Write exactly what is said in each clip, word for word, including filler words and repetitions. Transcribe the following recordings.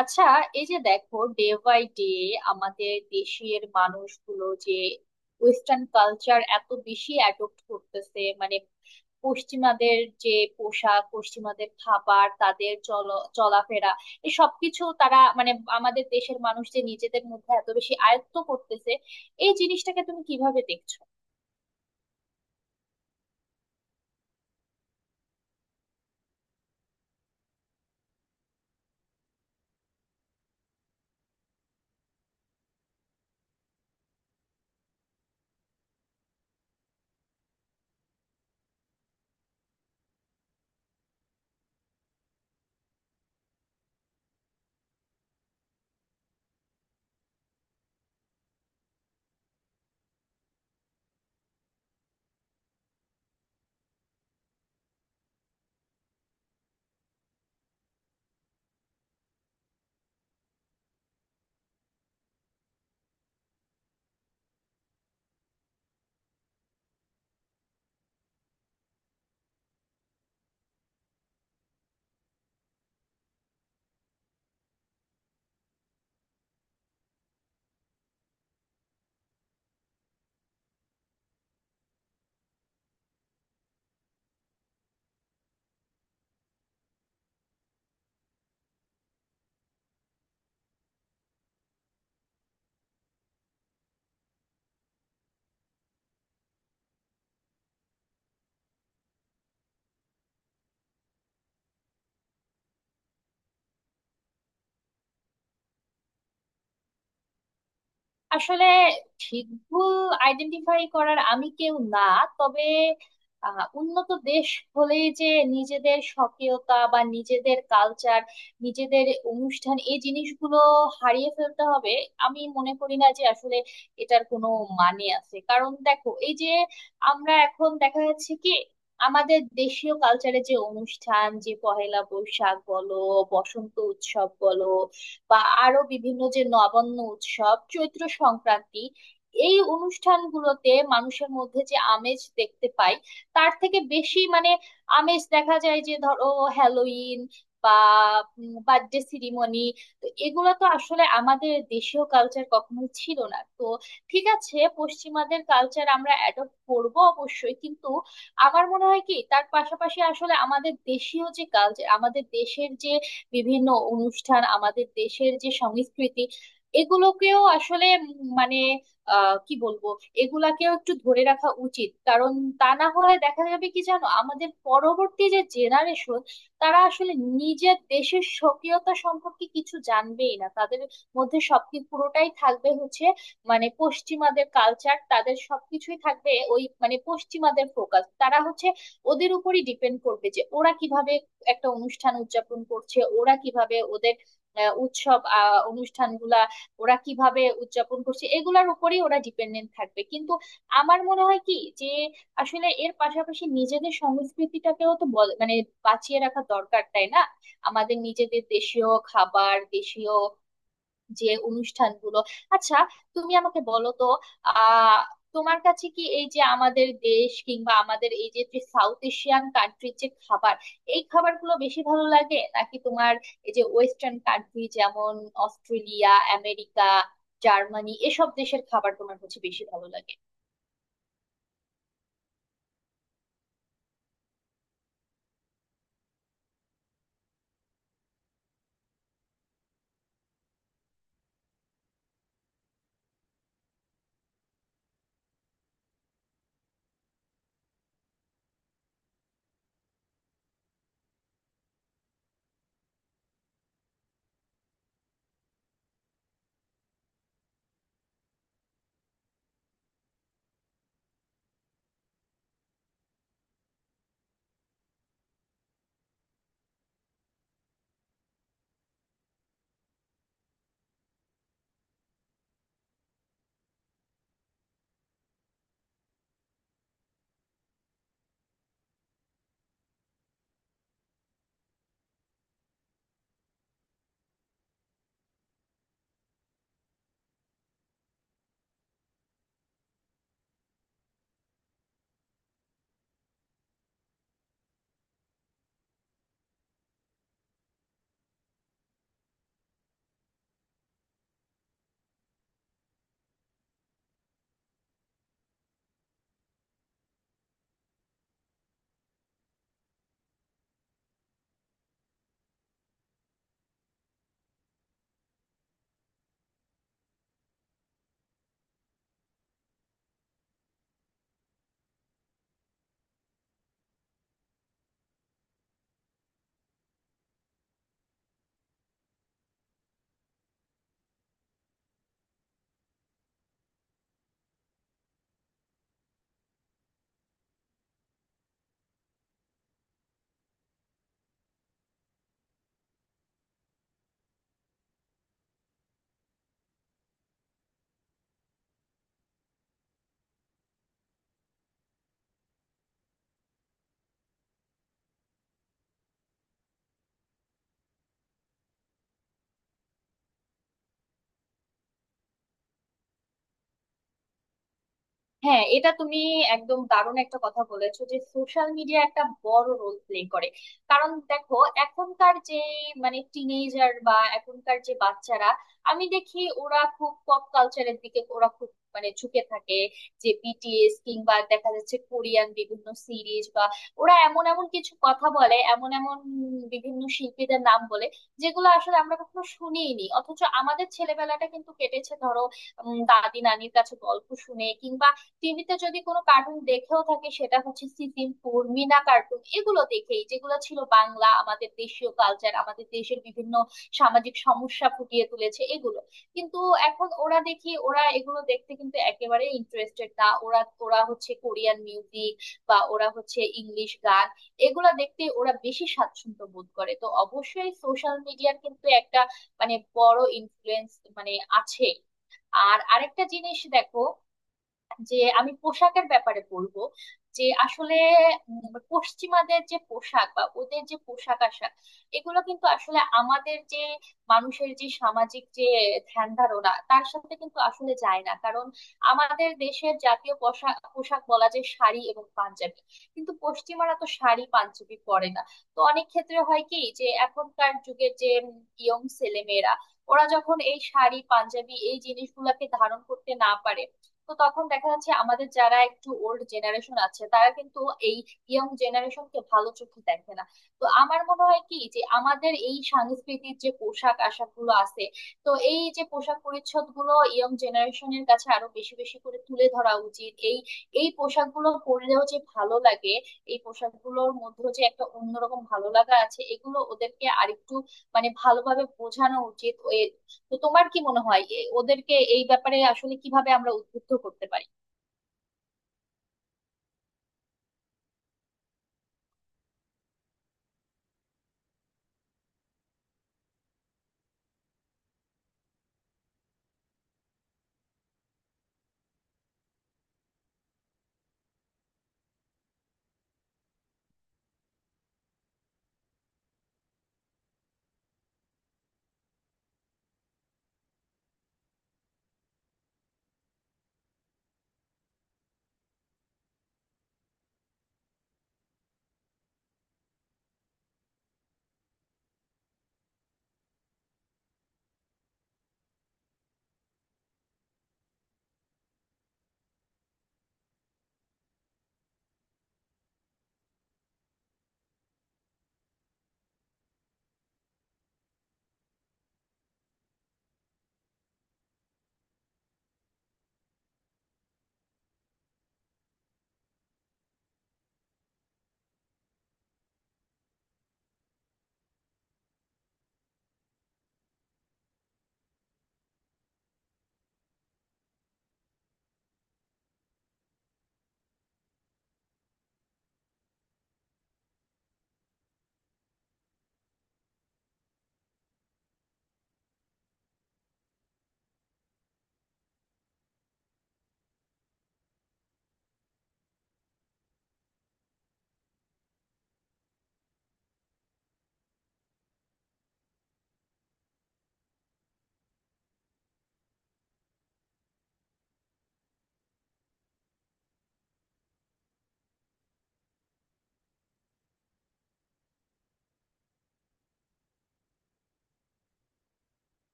আচ্ছা, এই যে দেখো, ডে বাই ডে আমাদের দেশের মানুষগুলো যে ওয়েস্টার্ন কালচার এত বেশি অ্যাডপ্ট করতেছে, মানে পশ্চিমাদের, যে পোশাক, পশ্চিমাদের খাবার, তাদের চল চলাফেরা, এই সবকিছু তারা মানে আমাদের দেশের মানুষ যে নিজেদের মধ্যে এত বেশি আয়ত্ত করতেছে, এই জিনিসটাকে তুমি কিভাবে দেখছো? আসলে ঠিক ভুল আইডেন্টিফাই করার আমি কেউ না। তবে আহ, উন্নত দেশ হলেই যে নিজেদের স্বকীয়তা বা নিজেদের কালচার, নিজেদের অনুষ্ঠান, এই জিনিসগুলো হারিয়ে ফেলতে হবে আমি মনে করি না যে আসলে এটার কোনো মানে আছে। কারণ দেখো, এই যে আমরা এখন দেখা যাচ্ছে কি, আমাদের দেশীয় কালচারের যে অনুষ্ঠান, যে পহেলা বৈশাখ বলো, বসন্ত উৎসব বলো, বা আরো বিভিন্ন যে নবান্ন উৎসব, চৈত্র সংক্রান্তি, এই অনুষ্ঠানগুলোতে মানুষের মধ্যে যে আমেজ দেখতে পাই, তার থেকে বেশি মানে আমেজ দেখা যায় যে ধরো হ্যালোইন বা বার্থডে সিরিমনি। তো এগুলো তো আসলে আমাদের দেশীয় কালচার কখনোই ছিল না তো। ঠিক আছে, পশ্চিমাদের কালচার আমরা অ্যাডপ্ট করব অবশ্যই, কিন্তু আমার মনে হয় কি, তার পাশাপাশি আসলে আমাদের দেশীয় যে কালচার, আমাদের দেশের যে বিভিন্ন অনুষ্ঠান, আমাদের দেশের যে সংস্কৃতি, এগুলোকেও আসলে উম মানে আহ কি বলবো, এগুলাকেও একটু ধরে রাখা উচিত। কারণ তা না হলে দেখা যাবে কি, জানো, আমাদের পরবর্তী যে জেনারেশন, তারা আসলে নিজের দেশের স্বকীয়তা সম্পর্কে কিছু জানবেই না। তাদের মধ্যে সবকিছু পুরোটাই থাকবে হচ্ছে মানে পশ্চিমাদের কালচার, তাদের সবকিছুই থাকবে ওই মানে পশ্চিমাদের ফোকাস। তারা হচ্ছে ওদের উপরই ডিপেন্ড করবে যে ওরা কিভাবে একটা অনুষ্ঠান উদযাপন করছে, ওরা কিভাবে ওদের আহ, উৎসব, আহ, অনুষ্ঠানগুলা ওরা কিভাবে উদযাপন করছে, এগুলার উপরেই ওরা ডিপেন্ডেন্ট থাকবে। কিন্তু আমার মনে হয় কি যে আসলে এর পাশাপাশি নিজেদের সংস্কৃতিটাকেও তো বজ- মানে বাঁচিয়ে রাখা দরকার, তাই না? আমাদের নিজেদের দেশীয় খাবার, দেশীয় যে অনুষ্ঠানগুলো। আচ্ছা, তুমি আমাকে বলো তো, আহ তোমার কাছে কি এই যে আমাদের দেশ কিংবা আমাদের এই যে যে সাউথ এশিয়ান কান্ট্রির যে খাবার, এই খাবারগুলো বেশি ভালো লাগে, নাকি তোমার এই যে ওয়েস্টার্ন কান্ট্রি, যেমন অস্ট্রেলিয়া, আমেরিকা, জার্মানি, এসব দেশের খাবার তোমার হচ্ছে বেশি ভালো লাগে? হ্যাঁ, এটা তুমি একদম দারুণ একটা কথা বলেছো যে সোশ্যাল মিডিয়া একটা বড় রোল প্লে করে। কারণ দেখো, এখনকার যে মানে টিনেজার বা এখনকার যে বাচ্চারা, আমি দেখি ওরা খুব পপ কালচারের দিকে ওরা খুব মানে ঝুঁকে থাকে, যে বিটিএস কিংবা দেখা যাচ্ছে কোরিয়ান বিভিন্ন সিরিজ বা ওরা এমন এমন কিছু কথা বলে, এমন এমন বিভিন্ন শিল্পীদের নাম বলে, যেগুলো আসলে আমরা কখনো শুনিনি। অথচ আমাদের ছেলেবেলাটা কিন্তু কেটেছে ধরো উম, দাদি নানির কাছে গল্প শুনে, কিংবা টিভিতে যদি কোনো কার্টুন দেখেও থাকি সেটা হচ্ছে সিসিমপুর, মিনা কার্টুন, এগুলো দেখেই, যেগুলো ছিল বাংলা আমাদের দেশীয় কালচার, আমাদের দেশের বিভিন্ন সামাজিক সমস্যা ফুটিয়ে তুলেছে এগুলো। কিন্তু এখন ওরা, দেখি ওরা এগুলো দেখতে কিন্তু একেবারে ইন্টারেস্টেড না। ওরা ওরা হচ্ছে কোরিয়ান মিউজিক বা ওরা হচ্ছে ইংলিশ গান, এগুলা দেখতে ওরা বেশি স্বাচ্ছন্দ্য বোধ করে। তো অবশ্যই সোশ্যাল মিডিয়ার কিন্তু একটা মানে বড় ইনফ্লুয়েন্স মানে আছে। আর আরেকটা জিনিস দেখো, যে আমি পোশাকের ব্যাপারে বলবো যে আসলে উম, পশ্চিমাদের যে পোশাক বা ওদের যে পোশাক আশাক, এগুলো কিন্তু আসলে আমাদের যে মানুষের যে সামাজিক যে ধ্যান ধারণা, তার সাথে কিন্তু আসলে যায় না। কারণ আমাদের দেশের জাতীয় পোশাক, পোশাক বলা যায় শাড়ি এবং পাঞ্জাবি, কিন্তু পশ্চিমারা তো শাড়ি পাঞ্জাবি পরে না। তো অনেক ক্ষেত্রে হয় কি যে এখনকার যুগের যে ইয়ং ছেলেমেয়েরা, ওরা যখন এই শাড়ি পাঞ্জাবি এই জিনিসগুলোকে ধারণ করতে না পারে, তো তখন দেখা যাচ্ছে আমাদের যারা একটু ওল্ড জেনারেশন আছে তারা কিন্তু এই ইয়ং জেনারেশনকে ভালো চোখে দেখে না। তো আমার মনে হয় কি যে আমাদের এই সাংস্কৃতিক যে পোশাক আশাক গুলো আছে, তো এই যে পোশাক পরিচ্ছদ গুলো ইয়ং জেনারেশনের কাছে আরো বেশি বেশি করে তুলে ধরা উচিত। এই এই পোশাকগুলো পরলেও যে ভালো লাগে, এই পোশাকগুলোর মধ্যে যে একটা অন্যরকম ভালো লাগা আছে, এগুলো ওদেরকে আরেকটু মানে ভালোভাবে বোঝানো উচিত। তো তোমার কি মনে হয় এ- ওদেরকে এই ব্যাপারে আসলে কিভাবে আমরা উদ্বুদ্ধ করতে পারি?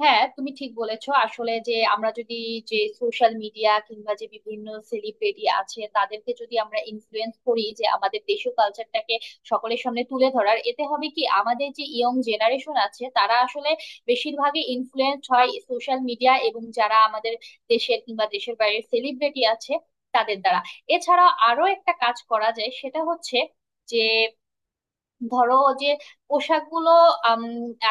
হ্যাঁ, তুমি ঠিক বলেছো আসলে, যে আমরা যদি যে সোশ্যাল মিডিয়া কিংবা যে বিভিন্ন সেলিব্রিটি আছে তাদেরকে যদি আমরা ইনফ্লুয়েন্স করি যে আমাদের দেশীয় কালচারটাকে সকলের সামনে তুলে ধরার, এতে হবে কি আমাদের যে ইয়ং জেনারেশন আছে, তারা আসলে বেশিরভাগই ইনফ্লুয়েন্স হয় সোশ্যাল মিডিয়া এবং যারা আমাদের দেশের কিংবা দেশের বাইরের সেলিব্রিটি আছে তাদের দ্বারা। এছাড়া আরো একটা কাজ করা যায়, সেটা হচ্ছে যে ধরো যে পোশাকগুলো আম,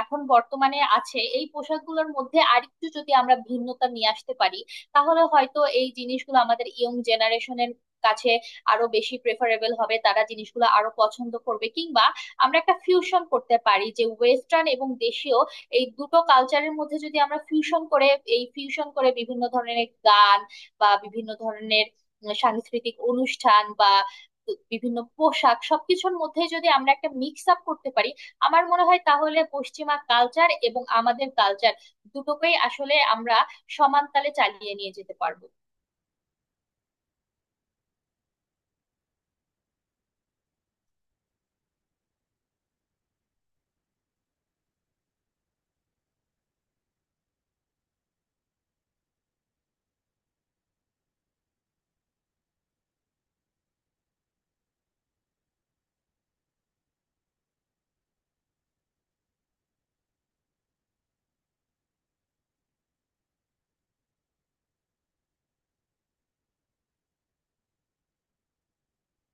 এখন বর্তমানে আছে, এই পোশাকগুলোর মধ্যে আরেকটু যদি আমরা ভিন্নতা নিয়ে আসতে পারি, তাহলে হয়তো এই জিনিসগুলো আমাদের ইয়ং জেনারেশনের কাছে আরো বেশি প্রেফারেবল হবে, তারা জিনিসগুলো আরো পছন্দ করবে। কিংবা আমরা একটা ফিউশন করতে পারি যে ওয়েস্টার্ন এবং দেশীয় এই দুটো কালচারের মধ্যে যদি আমরা ফিউশন করে, এই ফিউশন করে বিভিন্ন ধরনের গান বা বিভিন্ন ধরনের উম, সাংস্কৃতিক অনুষ্ঠান বা বিভিন্ন পোশাক, সবকিছুর মধ্যে যদি আমরা একটা মিক্স আপ করতে পারি, আমার মনে হয় তাহলে পশ্চিমা কালচার এবং আমাদের কালচার দুটোকেই আসলে আমরা সমান তালে চালিয়ে নিয়ে যেতে পারবো।